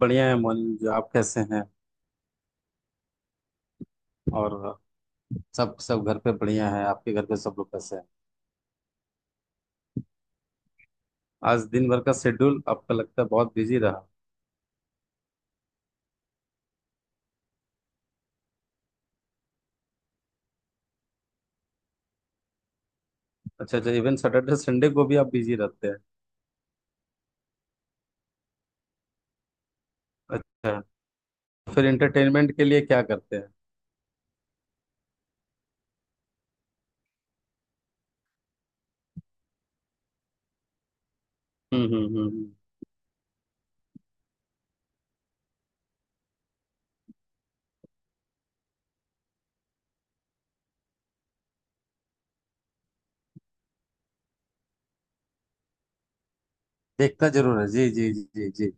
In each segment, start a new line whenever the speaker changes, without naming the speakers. बढ़िया है मोनी जी। आप कैसे हैं। और सब सब घर पे बढ़िया है। आपके घर पे सब लोग कैसे हैं। आज दिन भर का शेड्यूल आपका लगता है बहुत बिजी रहा। अच्छा अच्छा, इवन सैटरडे संडे को भी आप बिजी रहते हैं। अच्छा। फिर इंटरटेनमेंट के लिए क्या करते हैं। हम्म हम्म हम्म हम्म। देखता जरूर है। जी जी जी जी जी।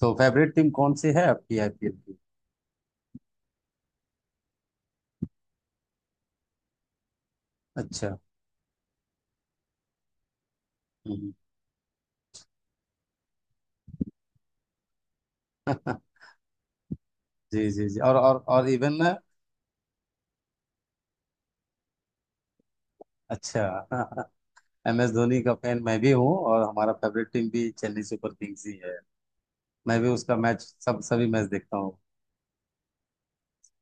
तो फेवरेट टीम कौन सी है आपकी आईपीएल की। अच्छा। हम्म। हम्म। जी जी जी। और इवन ना, अच्छा। एम एस धोनी का फैन मैं भी हूँ और हमारा फेवरेट टीम भी चेन्नई सुपर किंग्स ही है। मैं भी उसका मैच, सब सभी मैच देखता हूँ।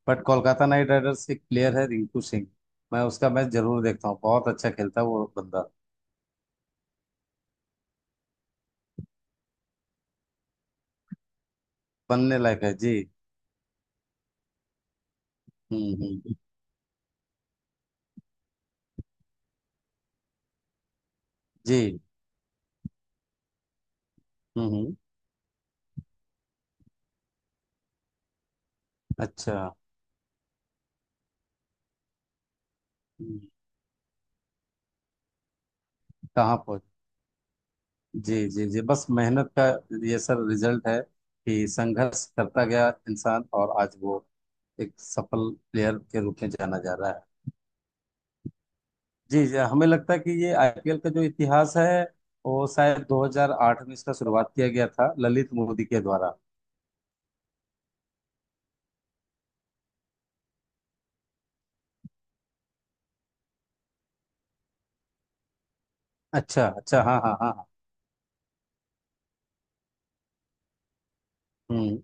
बट कोलकाता नाइट राइडर्स एक प्लेयर है रिंकू सिंह। मैं उसका मैच जरूर देखता हूँ, बहुत अच्छा खेलता है वो बंदा, बनने लायक है जी। हम्म हम्म जी। हम्म। अच्छा। हम्म, कहाँ पहुंच। जी जी जी, बस मेहनत का ये सर रिजल्ट है कि संघर्ष करता गया इंसान और आज वो एक सफल प्लेयर के रूप में जाना जा रहा है। जी जी, हमें लगता है कि ये आईपीएल का जो इतिहास है, वो शायद 2008 में इसका शुरुआत किया गया था ललित मोदी के द्वारा। अच्छा अच्छा, हाँ हाँ हाँ हाँ, हम्म।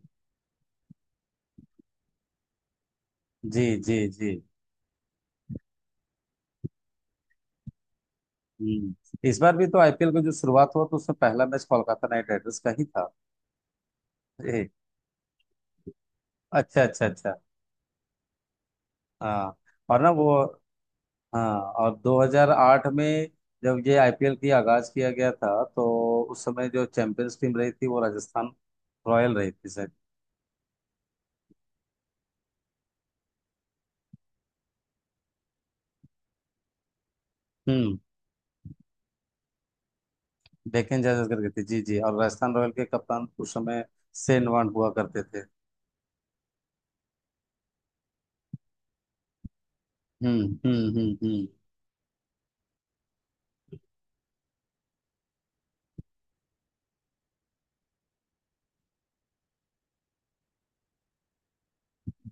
जी जी जी। हम्म, इस बार भी तो आईपीएल की जो शुरुआत हुआ तो उसमें पहला मैच कोलकाता नाइट राइडर्स का ही था। ए, अच्छा अच्छा अच्छा। हाँ, और ना वो, हाँ, और 2008 में जब ये आईपीएल की आगाज किया गया था, तो उस समय जो चैंपियंस टीम रही थी वो राजस्थान रॉयल रही थी सर। हम्म। डेक्कन चार्जर्स करके थी जी जी। और राजस्थान रॉयल के कप्तान उस समय शेन वॉर्न हुआ करते थे। हम्म।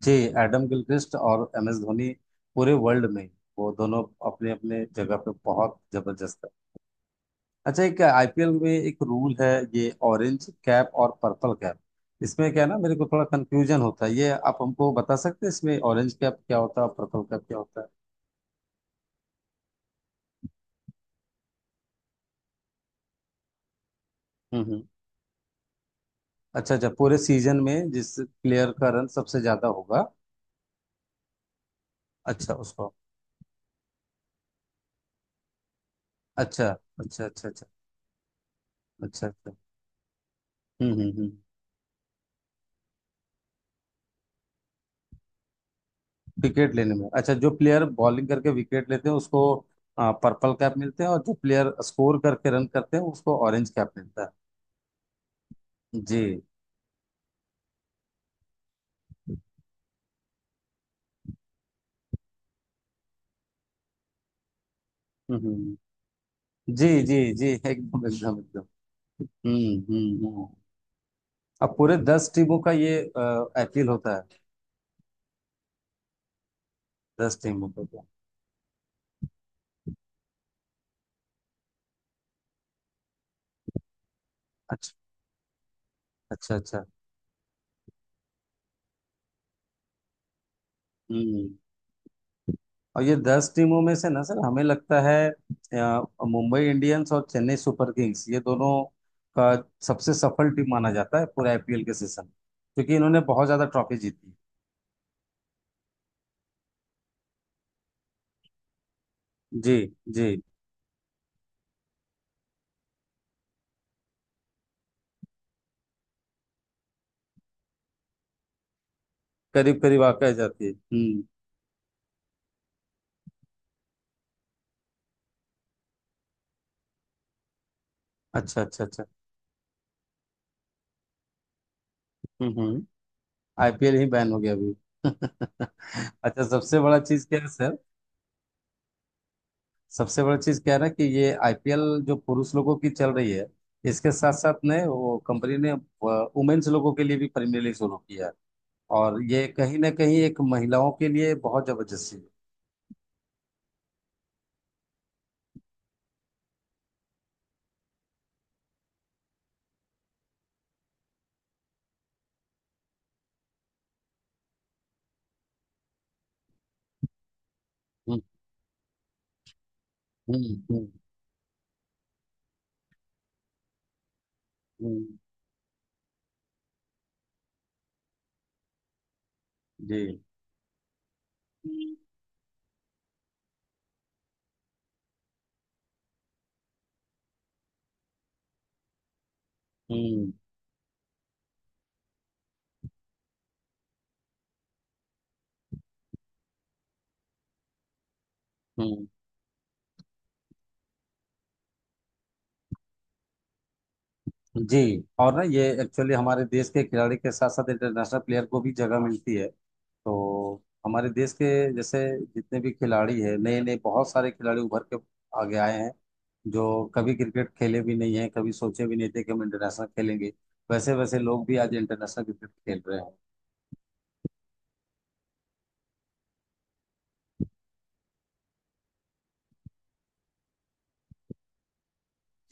जी। एडम गिलक्रिस्ट और एम एस धोनी पूरे वर्ल्ड में, वो दोनों अपने अपने जगह पे बहुत जबरदस्त है। अच्छा, एक आईपीएल में एक रूल है, ये ऑरेंज कैप और पर्पल कैप। इसमें क्या है ना, मेरे को थोड़ा कंफ्यूजन होता है, ये आप हमको बता सकते हैं, इसमें ऑरेंज कैप क्या होता है और पर्पल कैप क्या होता है। हम्म हम्म। अच्छा अच्छा, पूरे सीजन में जिस प्लेयर का रन सबसे ज्यादा होगा। अच्छा, उसको। अच्छा अच्छा अच्छा। अच्छा अच्छा। अच्छा। हम्म। विकेट लेने में, अच्छा, जो प्लेयर बॉलिंग करके विकेट लेते हैं उसको पर्पल कैप मिलते हैं, और जो प्लेयर स्कोर करके रन करते हैं उसको ऑरेंज कैप मिलता है जी। हम्म। जी जी जी एकदम एकदम एकदम। हम्म हम्म हम्म। अब पूरे दस टीमों का ये अपील होता है। दस टीमों का। अच्छा अच्छा अच्छा। हम्म। और ये दस टीमों में से ना सर, हमें लगता है मुंबई इंडियंस और चेन्नई सुपर किंग्स ये दोनों का सबसे सफल टीम माना जाता है पूरे आईपीएल के सीजन में। क्योंकि इन्होंने बहुत ज्यादा ट्रॉफी जीती जी जी। करीब करीब आके आ जाती है। हम्म। अच्छा अच्छा अच्छा। हम्म। आईपीएल ही बैन हो गया अभी। अच्छा, सबसे बड़ा चीज क्या है सर। सबसे बड़ा चीज क्या है ना कि ये आईपीएल जो पुरुष लोगों की चल रही है, इसके साथ साथ ने वो कंपनी ने वुमेन्स लोगों के लिए भी प्रीमियर लीग शुरू किया है। और ये कहीं ना कहीं एक महिलाओं के लिए बहुत जबरदस्ती है। हम्म हम्म हम्म हम्म। जी। हम्म हम्म, जी। और ना ये एक्चुअली हमारे देश के खिलाड़ी के साथ साथ इंटरनेशनल प्लेयर को भी जगह मिलती है। तो हमारे देश के, जैसे, जितने भी खिलाड़ी हैं, नए नए बहुत सारे खिलाड़ी उभर के आगे आए हैं, जो कभी क्रिकेट खेले भी नहीं हैं, कभी सोचे भी नहीं थे कि हम इंटरनेशनल खेलेंगे, वैसे वैसे लोग भी आज इंटरनेशनल क्रिकेट खेल रहे हैं।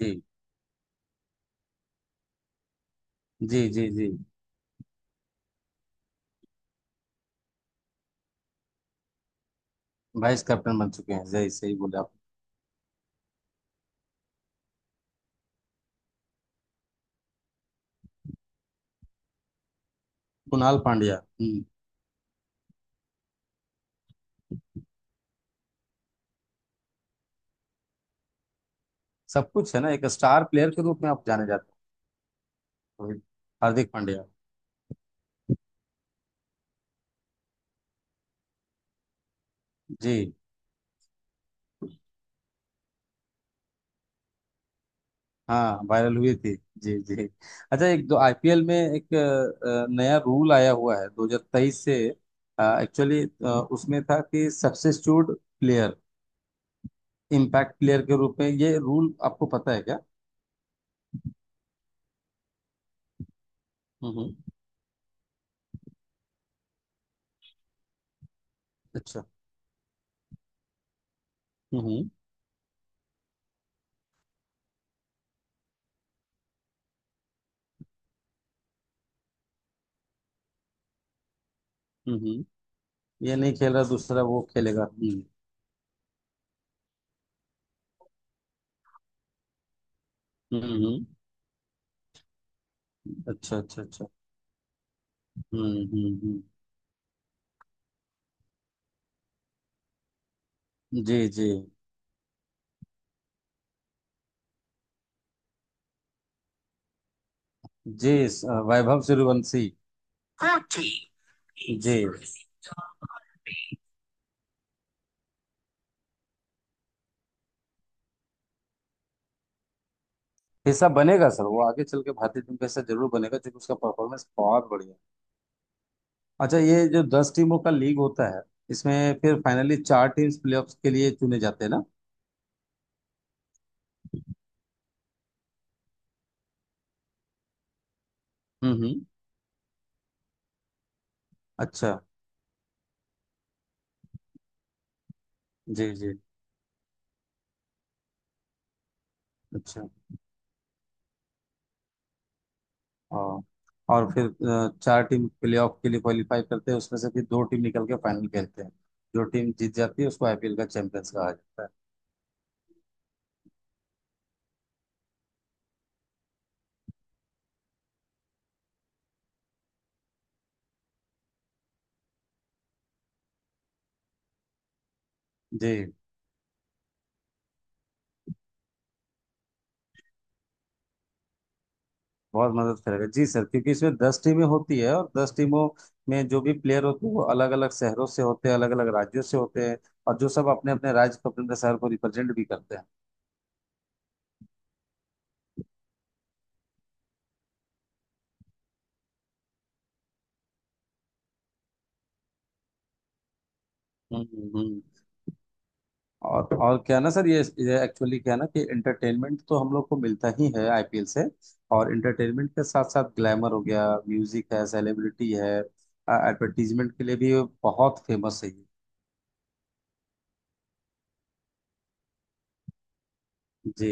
जी जी जी जी। वाइस कैप्टन बन चुके हैं, सही सही बोले आप। कुणाल पांड्या। हम्म, सब कुछ है ना, एक स्टार प्लेयर के रूप में आप जाने जाते हैं। हार्दिक पांड्या। जी। हाँ वायरल हुई थी। जी जी। अच्छा, एक दो आईपीएल में एक नया रूल आया हुआ है 2023 से, एक्चुअली। उसमें था कि सब्स्टिट्यूट प्लेयर, इम्पैक्ट प्लेयर के रूप में, ये रूल आपको पता है क्या। हम्म हम्म, अच्छा। हम्म हम्म, ये नहीं खेल रहा दूसरा वो खेलेगा। हम्म हम्म। अच्छा अच्छा अच्छा। हम्म हम्म। जी जी जी। वैभव सूर्यवंशी जी। हिस्सा बनेगा सर, वो आगे चल के भारतीय टीम का हिस्सा जरूर बनेगा क्योंकि उसका परफॉर्मेंस बहुत बढ़िया है। अच्छा, ये जो दस टीमों का लीग होता है, इसमें फिर फाइनली चार टीम्स प्लेऑफ्स के लिए चुने जाते हैं ना। हम्म। अच्छा। जी जी। अच्छा, और और फिर चार टीम प्लेऑफ के लिए क्वालिफाई करते हैं, उसमें से फिर दो टीम निकल के फाइनल खेलते हैं। जो टीम जीत जाती है उसको आईपीएल का चैंपियंस कहा जाता है। जी। बहुत मदद करेगा जी सर, क्योंकि इसमें दस टीमें होती है और दस टीमों में जो भी प्लेयर होते हैं वो अलग अलग शहरों से होते हैं, अलग अलग राज्यों से होते हैं, और जो सब अपने अपने राज्य को, अपने अपने शहर को रिप्रेजेंट भी करते हैं। हम्म। और क्या है ना सर, ये एक्चुअली क्या है ना कि एंटरटेनमेंट तो हम लोग को मिलता ही है आईपीएल से, और एंटरटेनमेंट के साथ साथ ग्लैमर हो गया, म्यूजिक है, सेलिब्रिटी है, एडवर्टीजमेंट के लिए भी ये बहुत फेमस है ये। जी